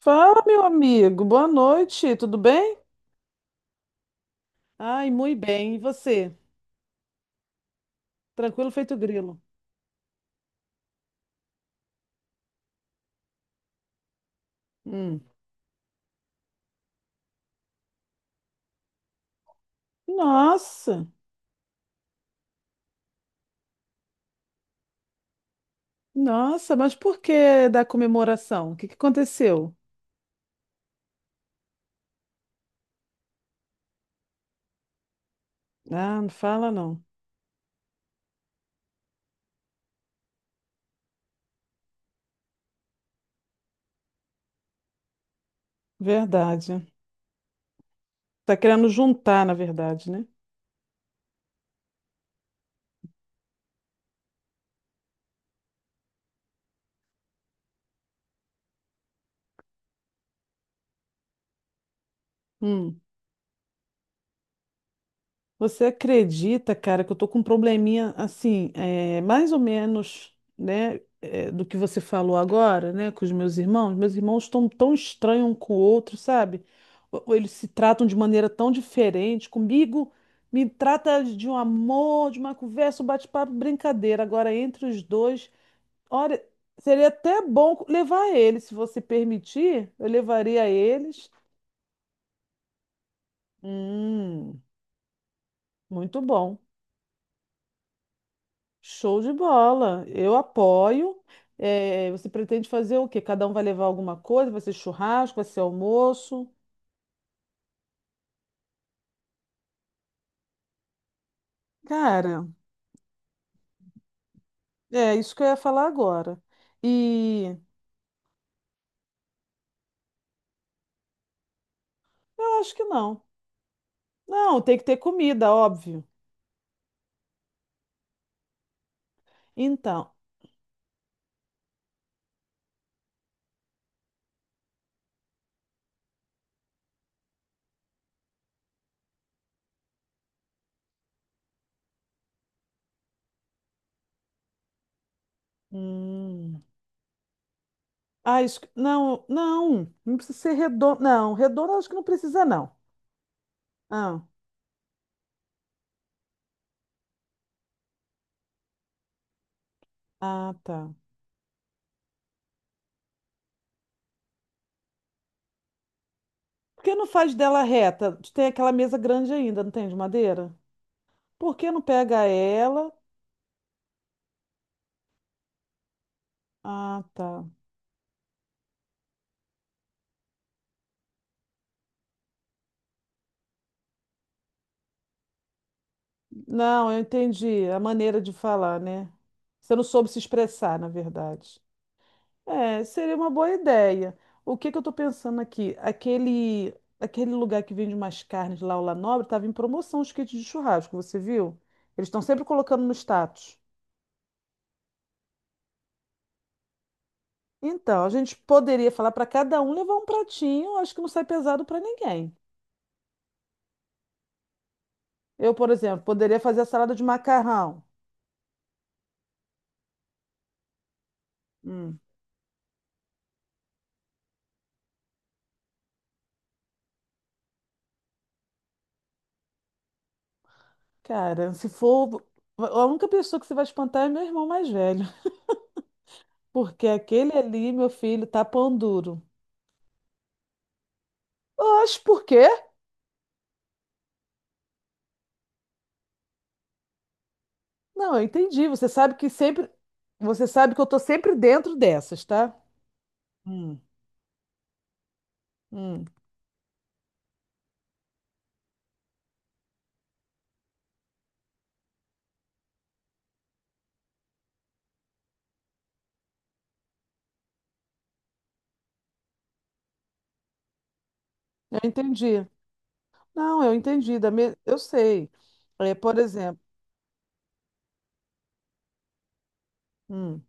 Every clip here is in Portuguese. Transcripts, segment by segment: Fala, meu amigo. Boa noite. Tudo bem? Ai, muito bem. E você? Tranquilo feito grilo. Hum. Nossa, nossa, mas por que da comemoração? O que que aconteceu? Ah, não fala não. Verdade. Tá querendo juntar, na verdade, né? Hum. Você acredita, cara, que eu tô com um probleminha assim, mais ou menos, né, do que você falou agora, né, com os meus irmãos? Meus irmãos estão tão estranhos um com o outro, sabe? Ou Eles se tratam de maneira tão diferente. Comigo, me trata de um amor, de uma conversa, um bate-papo, brincadeira. Agora, entre os dois, olha, seria até bom levar eles, se você permitir, eu levaria eles. Hum, muito bom. Show de bola. Eu apoio. Você pretende fazer o quê? Cada um vai levar alguma coisa? Vai ser churrasco? Vai ser almoço? Cara, é isso que eu ia falar agora. E eu acho que não. Não, tem que ter comida, óbvio. Então, hum, ah, isso, não, não precisa ser redondo. Não, redondo eu acho que não precisa, não. Ah, ah, tá. Por que não faz dela reta? Tem aquela mesa grande ainda, não tem, de madeira? Por que não pega ela? Ah, tá. Não, eu entendi a maneira de falar, né? Você não soube se expressar, na verdade. É, seria uma boa ideia. O que que eu estou pensando aqui? Aquele lugar que vende umas carnes lá, o La Nobre, estava em promoção os kits de churrasco, você viu? Eles estão sempre colocando no status. Então, a gente poderia falar para cada um levar um pratinho, acho que não sai pesado para ninguém. Eu, por exemplo, poderia fazer a salada de macarrão. Hum, cara, se for. A única pessoa que você vai espantar é meu irmão mais velho. Porque aquele ali, meu filho, tá pão duro. Oxe, por quê? Não, eu entendi. Você sabe que sempre. Você sabe que eu tô sempre dentro dessas, tá? Hum, hum. Eu entendi. Não, eu entendi. Eu sei. É, por exemplo, hum,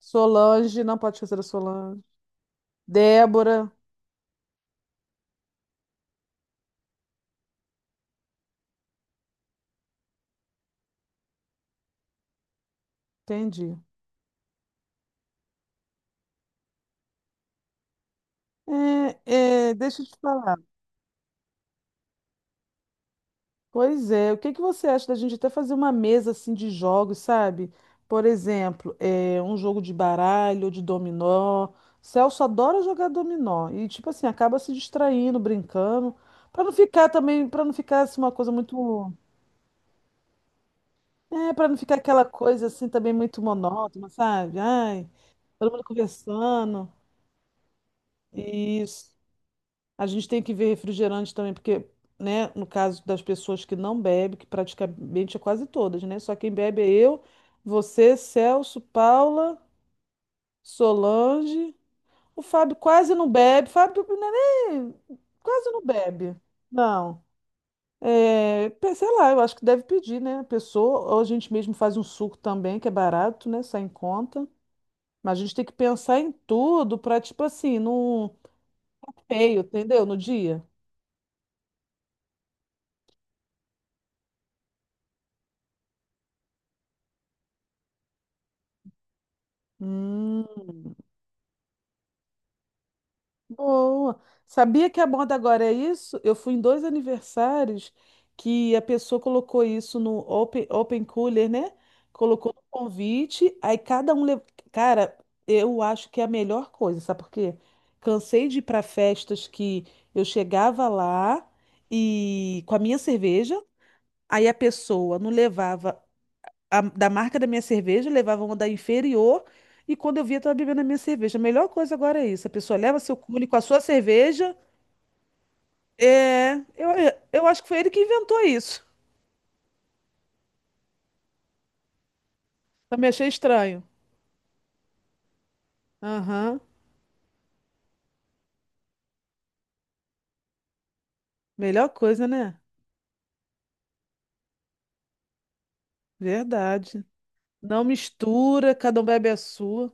Solange, não pode esquecer da Solange. Débora, entendi. Deixa eu te falar. Pois é, o que que você acha da gente até fazer uma mesa assim de jogos, sabe? Por exemplo, um jogo de baralho, ou de dominó. Celso adora jogar dominó e tipo assim acaba se distraindo, brincando, para não ficar assim uma coisa muito, para não ficar aquela coisa assim também muito monótona, sabe? Ai, todo mundo conversando. Isso. A gente tem que ver refrigerante também, porque, né, no caso das pessoas que não bebem, que praticamente é quase todas, né? Só quem bebe é eu, você, Celso, Paula, Solange. O Fábio quase não bebe. Fábio não é nem, quase não bebe. Não. É, sei lá, eu acho que deve pedir, né? A pessoa, ou a gente mesmo faz um suco também, que é barato, né? Sai em conta. Mas a gente tem que pensar em tudo para, tipo assim, não feio, entendeu? No dia. Hum. Boa. Sabia que a moda agora é isso? Eu fui em dois aniversários que a pessoa colocou isso no open cooler, né? Colocou no convite, aí cada um levou. Cara, eu acho que é a melhor coisa, sabe por quê? Cansei de ir para festas que eu chegava lá e com a minha cerveja, aí a pessoa não levava da marca da minha cerveja, levava uma da inferior, e quando eu via, estava bebendo a minha cerveja. A melhor coisa agora é isso: a pessoa leva seu cule com a sua cerveja. É, eu acho que foi ele que inventou isso. Também achei estranho. Aham, melhor coisa, né? Verdade. Não mistura, cada um bebe a sua.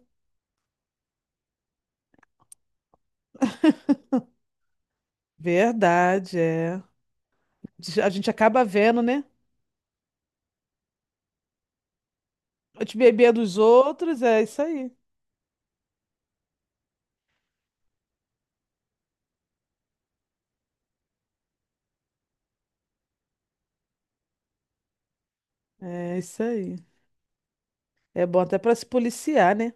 Verdade, é. A gente acaba vendo, né? A gente beber dos outros, é isso aí. É isso aí. É bom até para se policiar, né?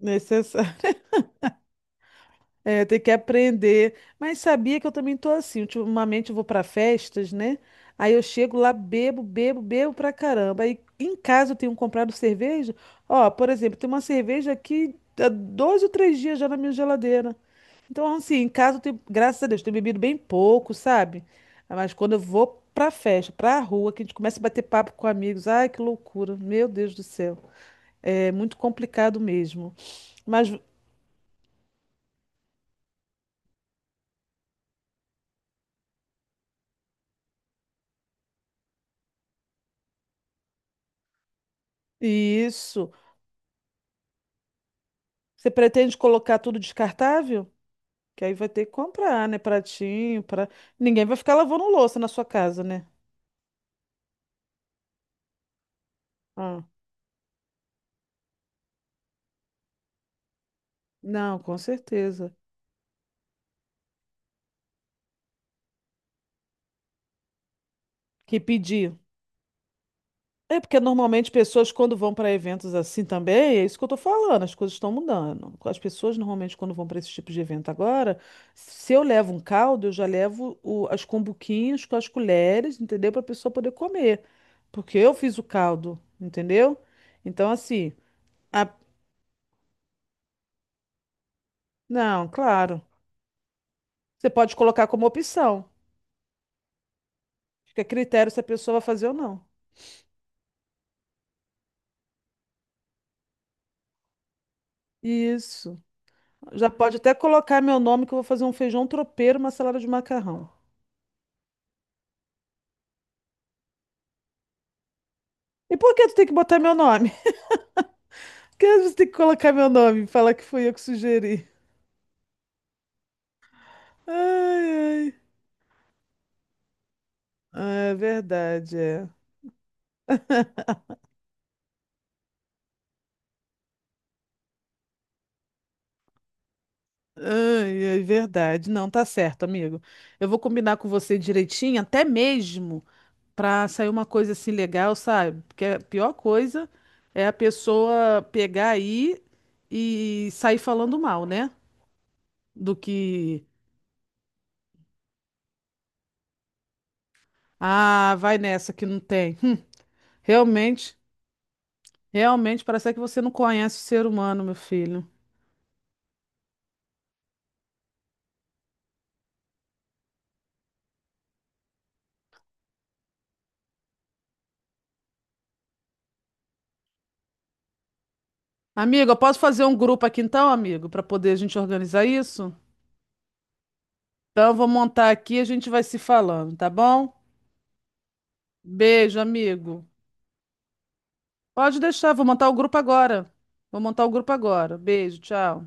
Necessário. É, tem que aprender. Mas sabia que eu também tô assim. Ultimamente eu vou para festas, né? Aí eu chego lá, bebo pra caramba. Aí em casa eu tenho comprado cerveja. Ó, por exemplo, tem uma cerveja aqui há dois ou três dias já na minha geladeira. Então, assim, em casa eu tenho, graças a Deus, tenho bebido bem pouco, sabe? Mas quando eu vou pra festa, pra rua, que a gente começa a bater papo com amigos, ai, que loucura. Meu Deus do céu. É muito complicado mesmo. Mas isso. Você pretende colocar tudo descartável? Que aí vai ter que comprar, né? Pratinho, pra... Ninguém vai ficar lavando louça na sua casa, né? Ah, não, com certeza. Que pedir. É porque normalmente pessoas quando vão para eventos assim também, é isso que eu tô falando, as coisas estão mudando. As pessoas normalmente quando vão para esse tipo de evento agora, se eu levo um caldo, eu já levo as cumbuquinhas com as colheres, entendeu? Para a pessoa poder comer. Porque eu fiz o caldo, entendeu? Então assim, a- não, claro. Você pode colocar como opção. Fica a critério se a pessoa vai fazer ou não. Isso. Já pode até colocar meu nome, que eu vou fazer um feijão tropeiro, uma salada de macarrão. E por que tu tem que botar meu nome? Por que você tem que colocar meu nome e falar que fui eu que sugeri? Ai, ai. Ah, é verdade, é. Ai, é verdade. Não, tá certo, amigo. Eu vou combinar com você direitinho, até mesmo pra sair uma coisa assim legal, sabe? Porque a pior coisa é a pessoa pegar aí e sair falando mal, né? Do que, ah, vai nessa que não tem. Realmente, realmente parece que você não conhece o ser humano, meu filho. Amigo, eu posso fazer um grupo aqui então, amigo, para poder a gente organizar isso? Então, eu vou montar aqui e a gente vai se falando, tá bom? Beijo, amigo. Pode deixar, vou montar o grupo agora. Vou montar o grupo agora. Beijo, tchau.